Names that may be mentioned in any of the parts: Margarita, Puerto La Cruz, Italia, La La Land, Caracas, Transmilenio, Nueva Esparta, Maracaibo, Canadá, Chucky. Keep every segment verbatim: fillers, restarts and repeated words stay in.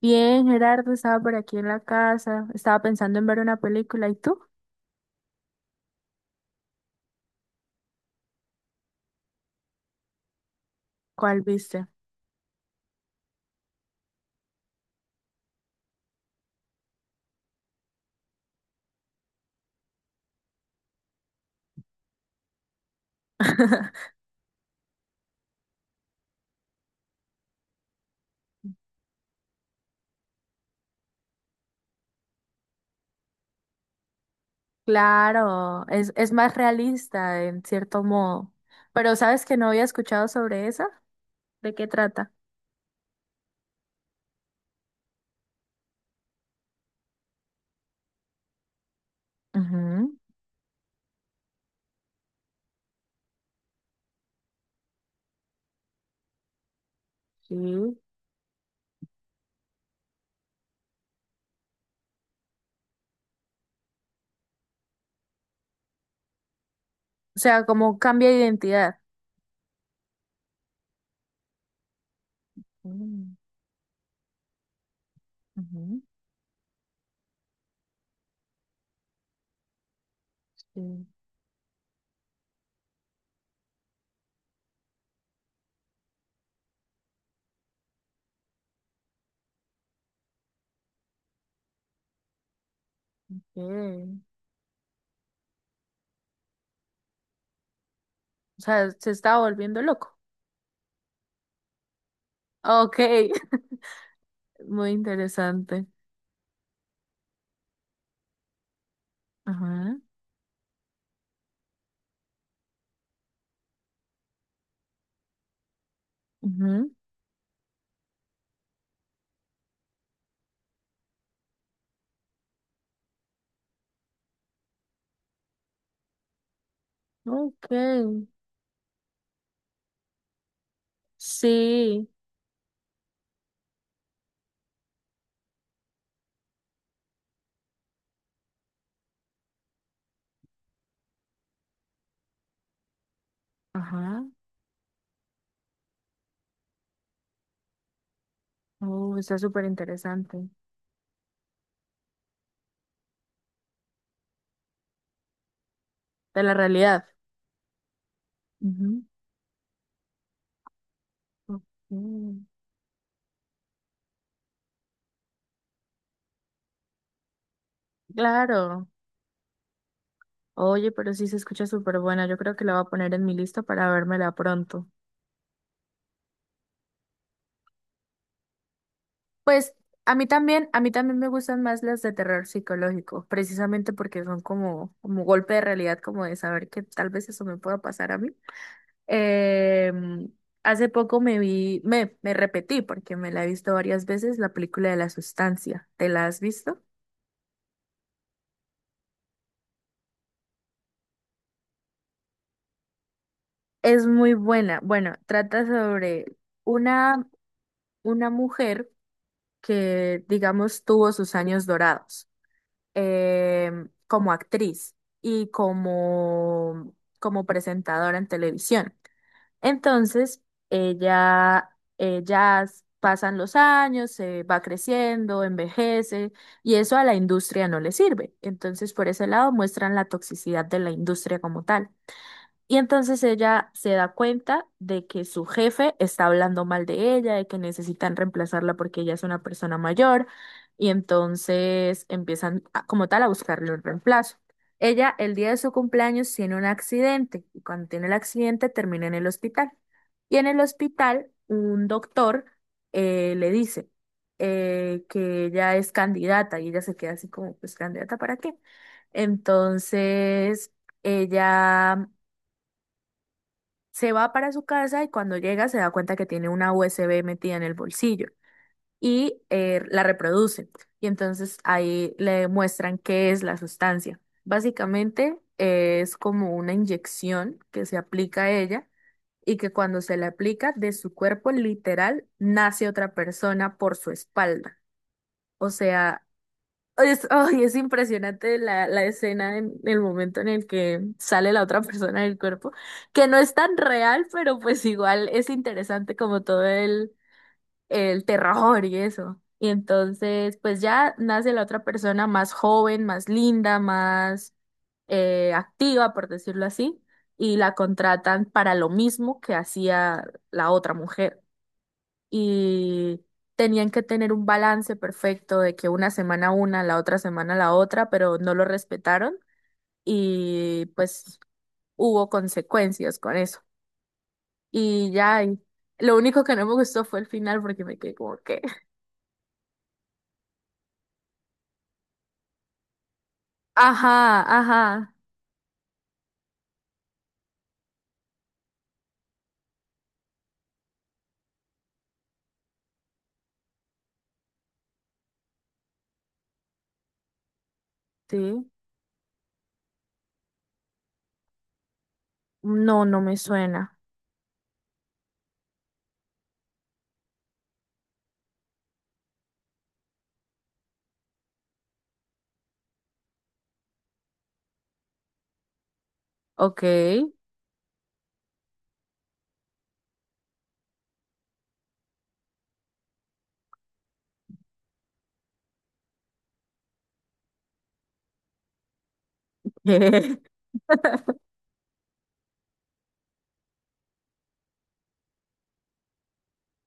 Bien, Gerardo, estaba por aquí en la casa, estaba pensando en ver una película, ¿y tú? ¿Cuál viste? Claro, es, es más realista en cierto modo, pero ¿sabes que no había escuchado sobre esa? ¿De qué trata? Ujú, sí. O sea, como cambia de identidad. Mm, ujú, sí, ok. O sea, se está volviendo loco. Ok, muy interesante. Ajá, ujú, ok, sí, ajá. Oh, está súper interesante. De la realidad. Ujú. Ujú. Claro. Oye, pero sí se escucha súper buena. Yo creo que la voy a poner en mi lista para vérmela pronto. Pues a mí también, a mí también me gustan más las de terror psicológico, precisamente porque son como, como golpe de realidad, como de saber que tal vez eso me pueda pasar a mí. Em, Hace poco me vi, me, me repetí porque me la he visto varias veces, la película de la sustancia. ¿Te la has visto? Es muy buena. Bueno, trata sobre una, una mujer que, digamos, tuvo sus años dorados em, como actriz y como, como presentadora en televisión. Entonces, ella, ella s- pasan los años, se va creciendo, envejece y eso a la industria no le sirve. Entonces, por ese lado, muestran la toxicidad de la industria como tal. Y entonces ella se da cuenta de que su jefe está hablando mal de ella, de que necesitan reemplazarla porque ella es una persona mayor, y entonces empiezan a- como tal a buscarle un reemplazo. Ella el día de su cumpleaños tiene un accidente y cuando tiene el accidente termina en el hospital. Y en el hospital un doctor eh, le dice eh, que ella es candidata y ella se queda así como, pues ¿candidata para qué? Entonces ella se va para su casa y cuando llega se da cuenta que tiene una U S B metida en el bolsillo y eh, la reproduce. Y entonces ahí le muestran qué es la sustancia. Básicamente eh, es como una inyección que se aplica a ella y que cuando se le aplica de su cuerpo literal nace otra persona por su espalda. O sea, es, ay, es impresionante la, la escena en el momento en el que sale la otra persona del cuerpo, que no es tan real, pero pues igual es interesante como todo el, el terror y eso. Y entonces, pues ya nace la otra persona más joven, más linda, más eh, activa, por decirlo así, y la contratan para lo mismo que hacía la otra mujer y tenían que tener un balance perfecto de que una semana una, la otra semana la otra, pero no lo respetaron y pues hubo consecuencias con eso. Y ya, y lo único que no me gustó fue el final porque me quedé como que, ajá, ajá, sí, no, no me suena. Ok, qué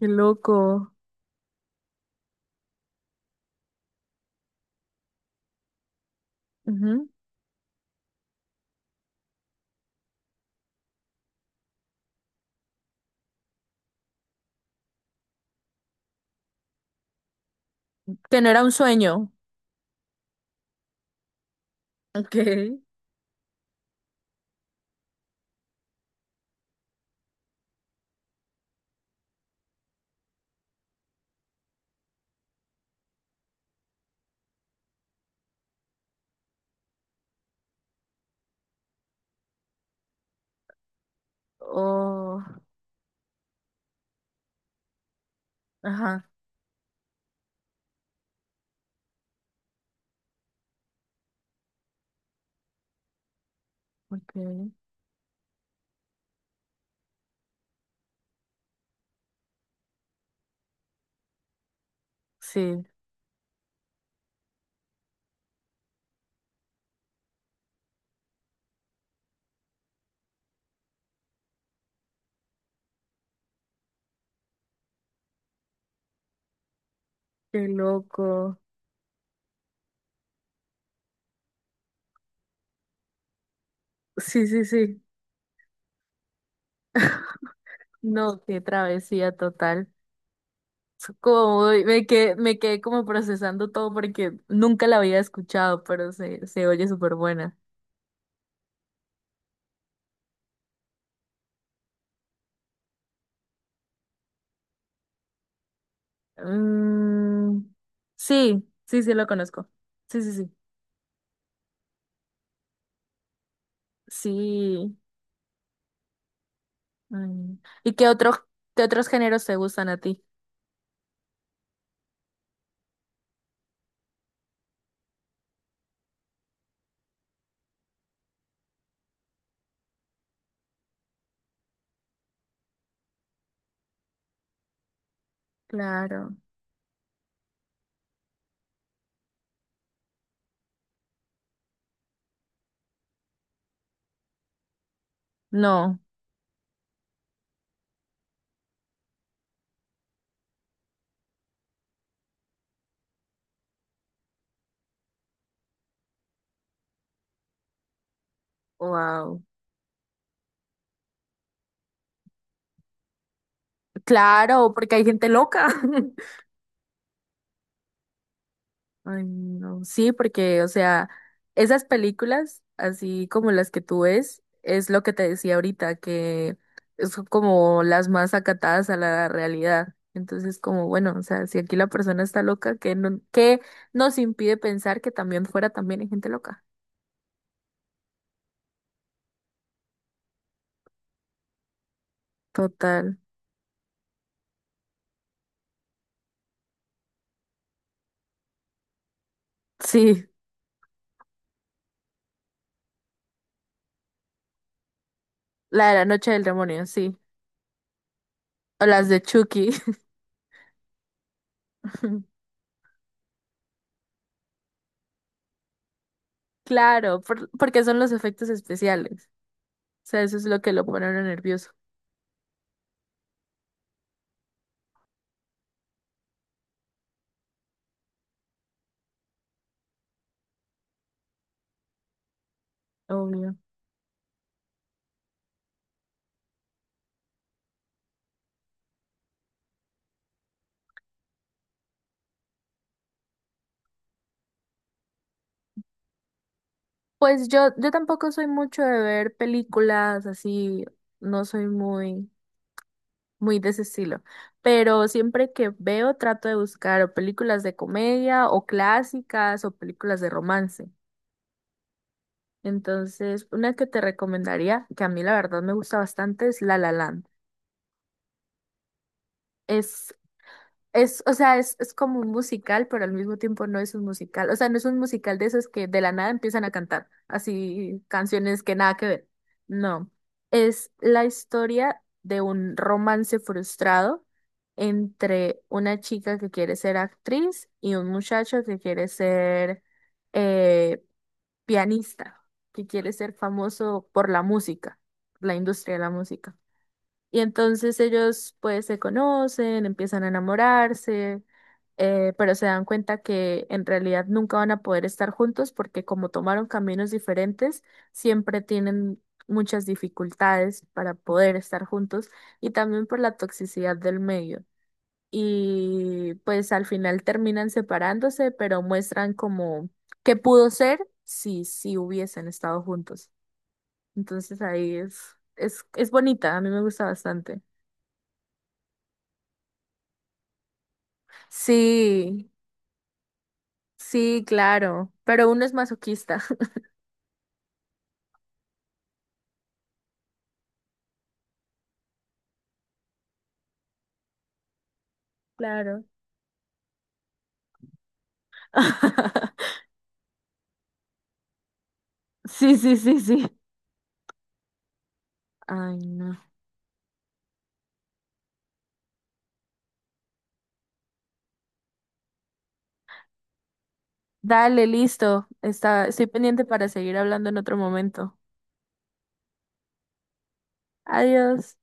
loco. Ujú. Que no era un sueño. Ok. Oh, ajá, ok. Sí, qué loco. Sí, sí, sí. No, qué travesía total. Es Como voy- me quedé, me quedé como procesando todo porque nunca la había escuchado, pero se, se oye súper buena. Mm, sí, sí, sí lo conozco. Sí, sí, sí. Sí. Ay. ¿Y qué otros, qué otros géneros te gustan a ti? Claro. No. Wow. Claro, porque hay gente loca. Ay, no. Sí, porque, o sea, esas películas, así como las que tú ves, es lo que te decía ahorita, que son como las más acatadas a la realidad. Entonces, como, bueno, o sea, si aquí la persona está loca, ¿qué, no, qué nos impide pensar que también fuera también hay gente loca? Total. Sí, la de la noche del demonio, sí. O las de Chucky. Claro, por- porque son los efectos especiales. O sea, eso es lo que lo pone a uno nervioso. Obvio. Pues yo, yo tampoco soy mucho de ver películas así, no soy muy, muy de ese estilo, pero siempre que veo trato de buscar o películas de comedia o clásicas o películas de romance. Entonces, una que te recomendaría, que a mí la verdad me gusta bastante, es La La Land. Es Es, o sea, es, es como un musical, pero al mismo tiempo no es un musical. O sea, no es un musical de esos que de la nada empiezan a cantar, así canciones que nada que ver. No, es la historia de un romance frustrado entre una chica que quiere ser actriz y un muchacho que quiere ser eh, pianista, que quiere ser famoso por la música, la industria de la música. Y entonces ellos pues se conocen, empiezan a enamorarse, eh, pero se dan cuenta que en realidad nunca van a poder estar juntos porque como tomaron caminos diferentes, siempre tienen muchas dificultades para poder estar juntos y también por la toxicidad del medio. Y pues al final terminan separándose, pero muestran como qué pudo ser si, si hubiesen estado juntos. Entonces ahí es, es, es bonita, a mí me gusta bastante. Sí, sí, claro, pero uno es masoquista. Claro. Sí, sí, sí, sí. Ay, no. Dale, listo. Está, estoy pendiente para seguir hablando en otro momento. Adiós.